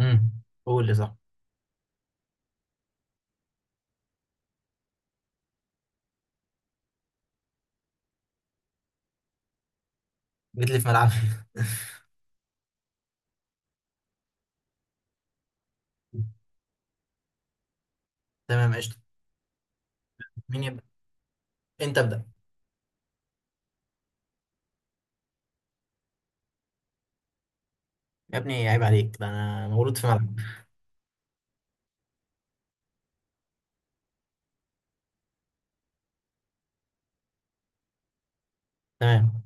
امم قول لي صح. جيت لي في ملعبي. تمام، قشطة. مين يبدأ؟ انت ابدأ. يا ابني، عيب عليك، ده انا مولود في ملعب. تمام.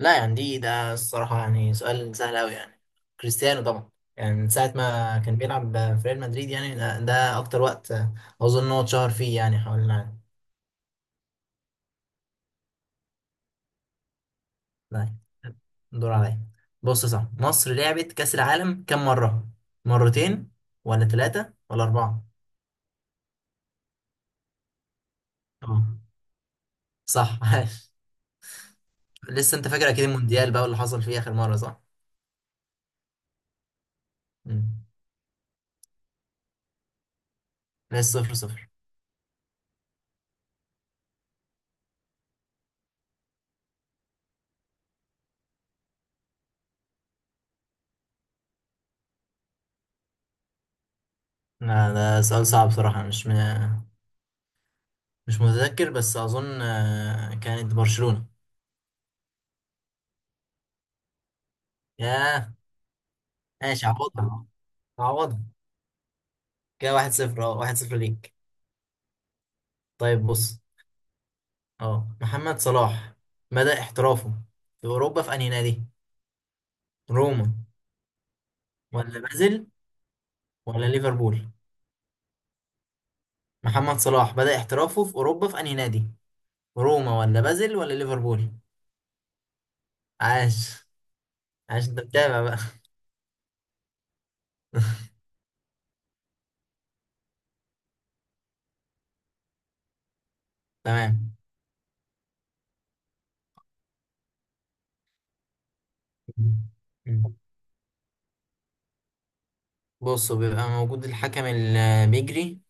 لا، يعني ده الصراحة يعني سؤال سهل قوي يعني. كريستيانو طبعا. يعني من ساعة ما كان بيلعب في ريال مدريد يعني ده اكتر وقت اظن ان هو اتشهر فيه يعني حوالين العالم. لا، دور عليا. بص، صح، مصر لعبت كأس العالم كم مرة؟ مرتين ولا ثلاثة ولا أربعة؟ اه، صح. لسه انت فاكر اكيد المونديال بقى اللي حصل فيه اخر مره صح؟ مم. لسه صفر صفر. لا، ده سؤال صعب بصراحه، مش متذكر، بس اظن كانت برشلونه. ياه. ماشي، عوضها. عوضها. كده 1-0، 1-0 ليك. طيب بص، اه محمد صلاح مدى احترافه في اوروبا في انهي نادي؟ روما ولا بازل ولا ليفربول؟ محمد صلاح بدأ احترافه في اوروبا في انهي نادي؟ روما ولا بازل ولا ليفربول؟ عاش، عاش. انت متابع بقى. تمام. مم. بص، بيبقى موجود الحكم اللي بيجري،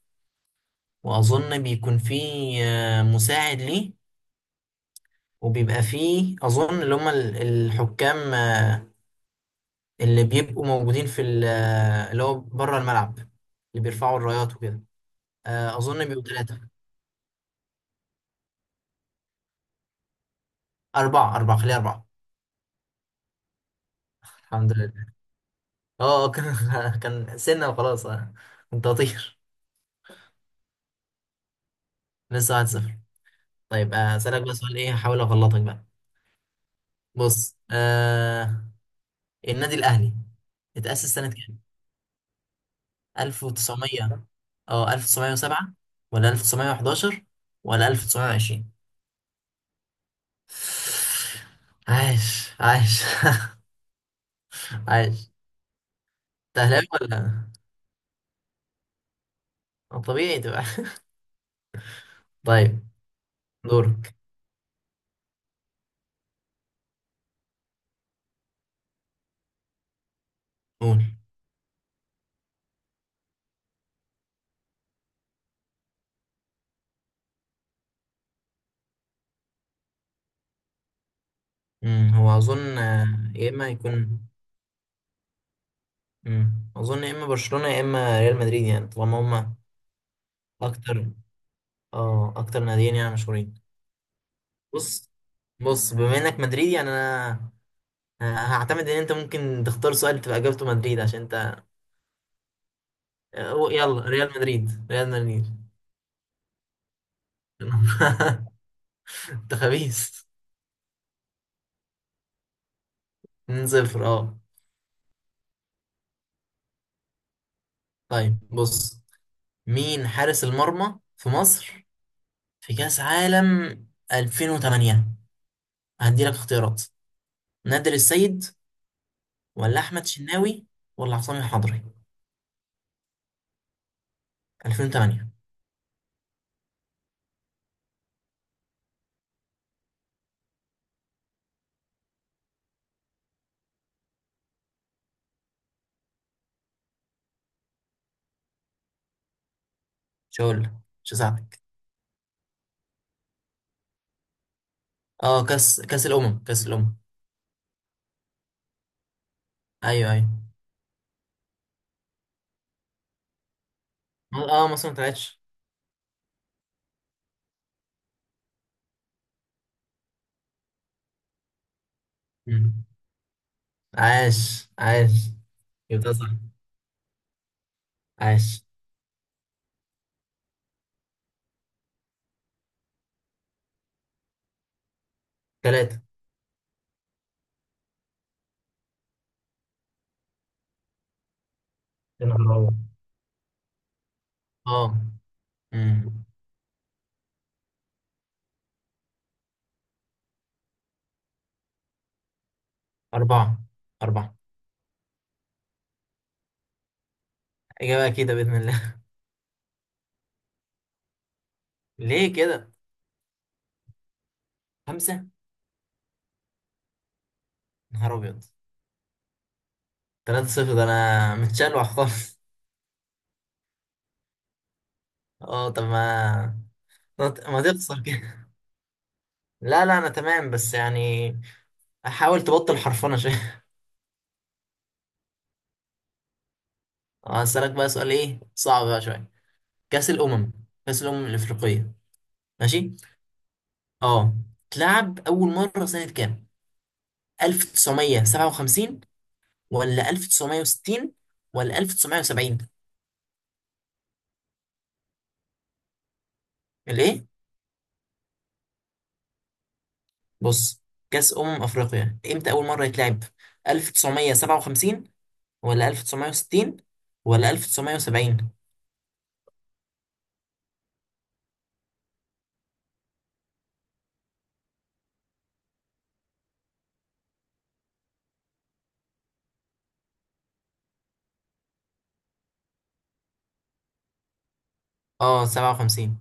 وأظن بيكون فيه مساعد ليه، وبيبقى فيه أظن اللي هم الحكام، اللي بيبقوا موجودين في اللي هو بره الملعب، اللي بيرفعوا الرايات وكده. أظن بيبقوا ثلاثة. أربعة، أربعة، خليها أربعة. الحمد لله. أه آه، كان كان سنة وخلاص. كنت هطير. لسه 1-0. طيب، أسألك بقى سؤال إيه، هحاول أغلطك بقى. بص النادي الاهلي اتأسس سنة كام؟ 1900؟ اه 1907 ولا 1911 ولا 1920؟ عايش، عايش. عايش. تهلاوي ولا؟ طبيعي تبقى. طيب. دورك. قول. هو اظن يا اما يكون. اظن يا اما برشلونة يا اما ريال مدريد، يعني طالما هما اكتر. اه اكتر ناديين يعني مشهورين. بص بص بما انك مدريدي يعني انا هعتمد ان انت ممكن تختار سؤال تبقى اجابته مدريد عشان انت. يلا ريال مدريد، ريال مدريد. انت خبيث. 2-0. اه طيب بص، مين حارس المرمى في مصر في كأس عالم 2008؟ هدي لك اختيارات. نادر السيد ولا احمد شناوي ولا حسام الحضري؟ 2008. مش هقول لك. مش هساعدك. كاس الامم، كاس الامم. ايوه، ايوه. اه، مصر ما طلعتش. مم. عاش، عاش. يبقى صح. عاش. ثلاثة. يا نهار أبيض. اه امم أربعة، أربعة. إجابة أكيدة بإذن الله. ليه كده؟ خمسة؟ نهار أبيض. 3-0، ده أنا متشلوح خالص. اه، طب ما ما تخسر كده. لا، لا، أنا تمام بس يعني حاول تبطل حرفنة شوية. هسألك بقى سؤال إيه صعب بقى شوية. كأس الأمم كأس الأمم الإفريقية. ماشي؟ اه. اتلعب أول مرة سنة كام؟ 1957 ولا 1960 ولا 1970؟ الايه؟ بص، كأس أمم أفريقيا امتى أول مرة يتلعب؟ 1957 ولا 1960 ولا 1970؟ اه، 57.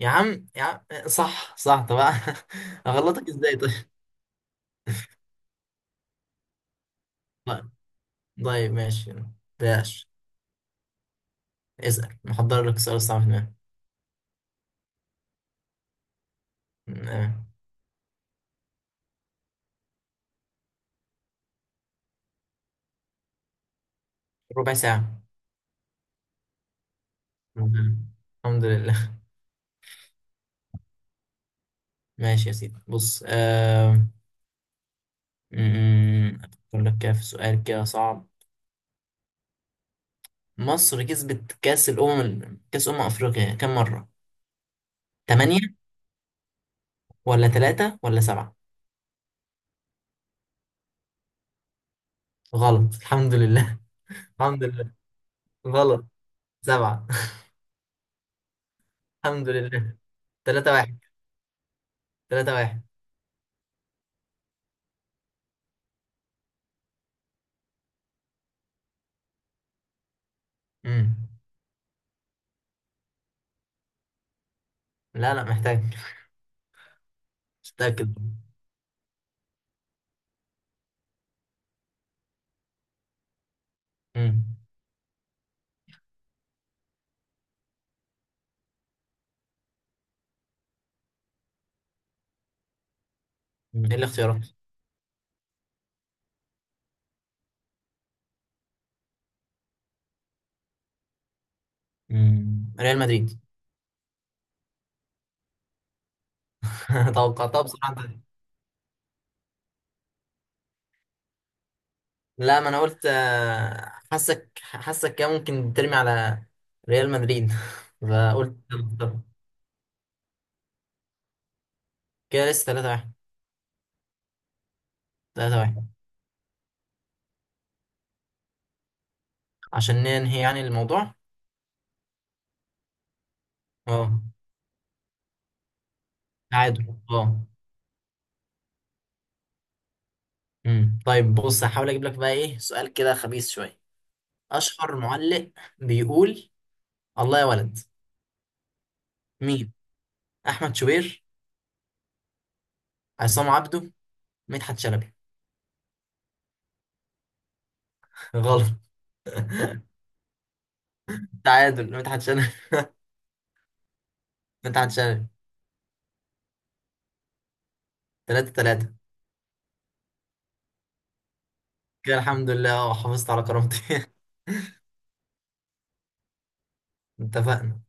يا عم، يا عم، صح، صح. طب اغلطك ازاي طيب. طيب، طيب، ماشي. بلاش. اسأل، محضر لك السؤال الصعب هنا. آه، ربع ساعة. الحمد لله. الحمد لله. ماشي يا سيدي، بص م- أفكر لك كده في سؤال كده صعب. مصر كسبت كأس أمم أفريقيا كم مرة؟ تمانية ولا تلاتة ولا سبعة؟ غلط. الحمد لله. الحمد لله. غلط. سبعة. الحمد لله. تلاتة واحد. تلاتة واحد. مم. لا، لا، محتاج. مش متأكد. مم. مم. إيه الاختيارات؟ مم. ريال مدريد. توقعتها بصراحة. لا، ما أنا قلت حاسك كده ممكن ترمي على ريال مدريد. فقلت. كده لسه 3-1. تلاتة واحد. عشان ننهي يعني الموضوع. اه، تعادل، اه. طيب بص، هحاول اجيب لك بقى ايه سؤال كده خبيث شويه. اشهر معلق بيقول الله يا ولد. مين؟ احمد شوبير؟ عصام عبده؟ مدحت شلبي؟ غلط. تعادل. مدحت شلبي. مدحت شلبي. 3-3. كده الحمد لله، اه، حافظت على كرامتي. اتفقنا.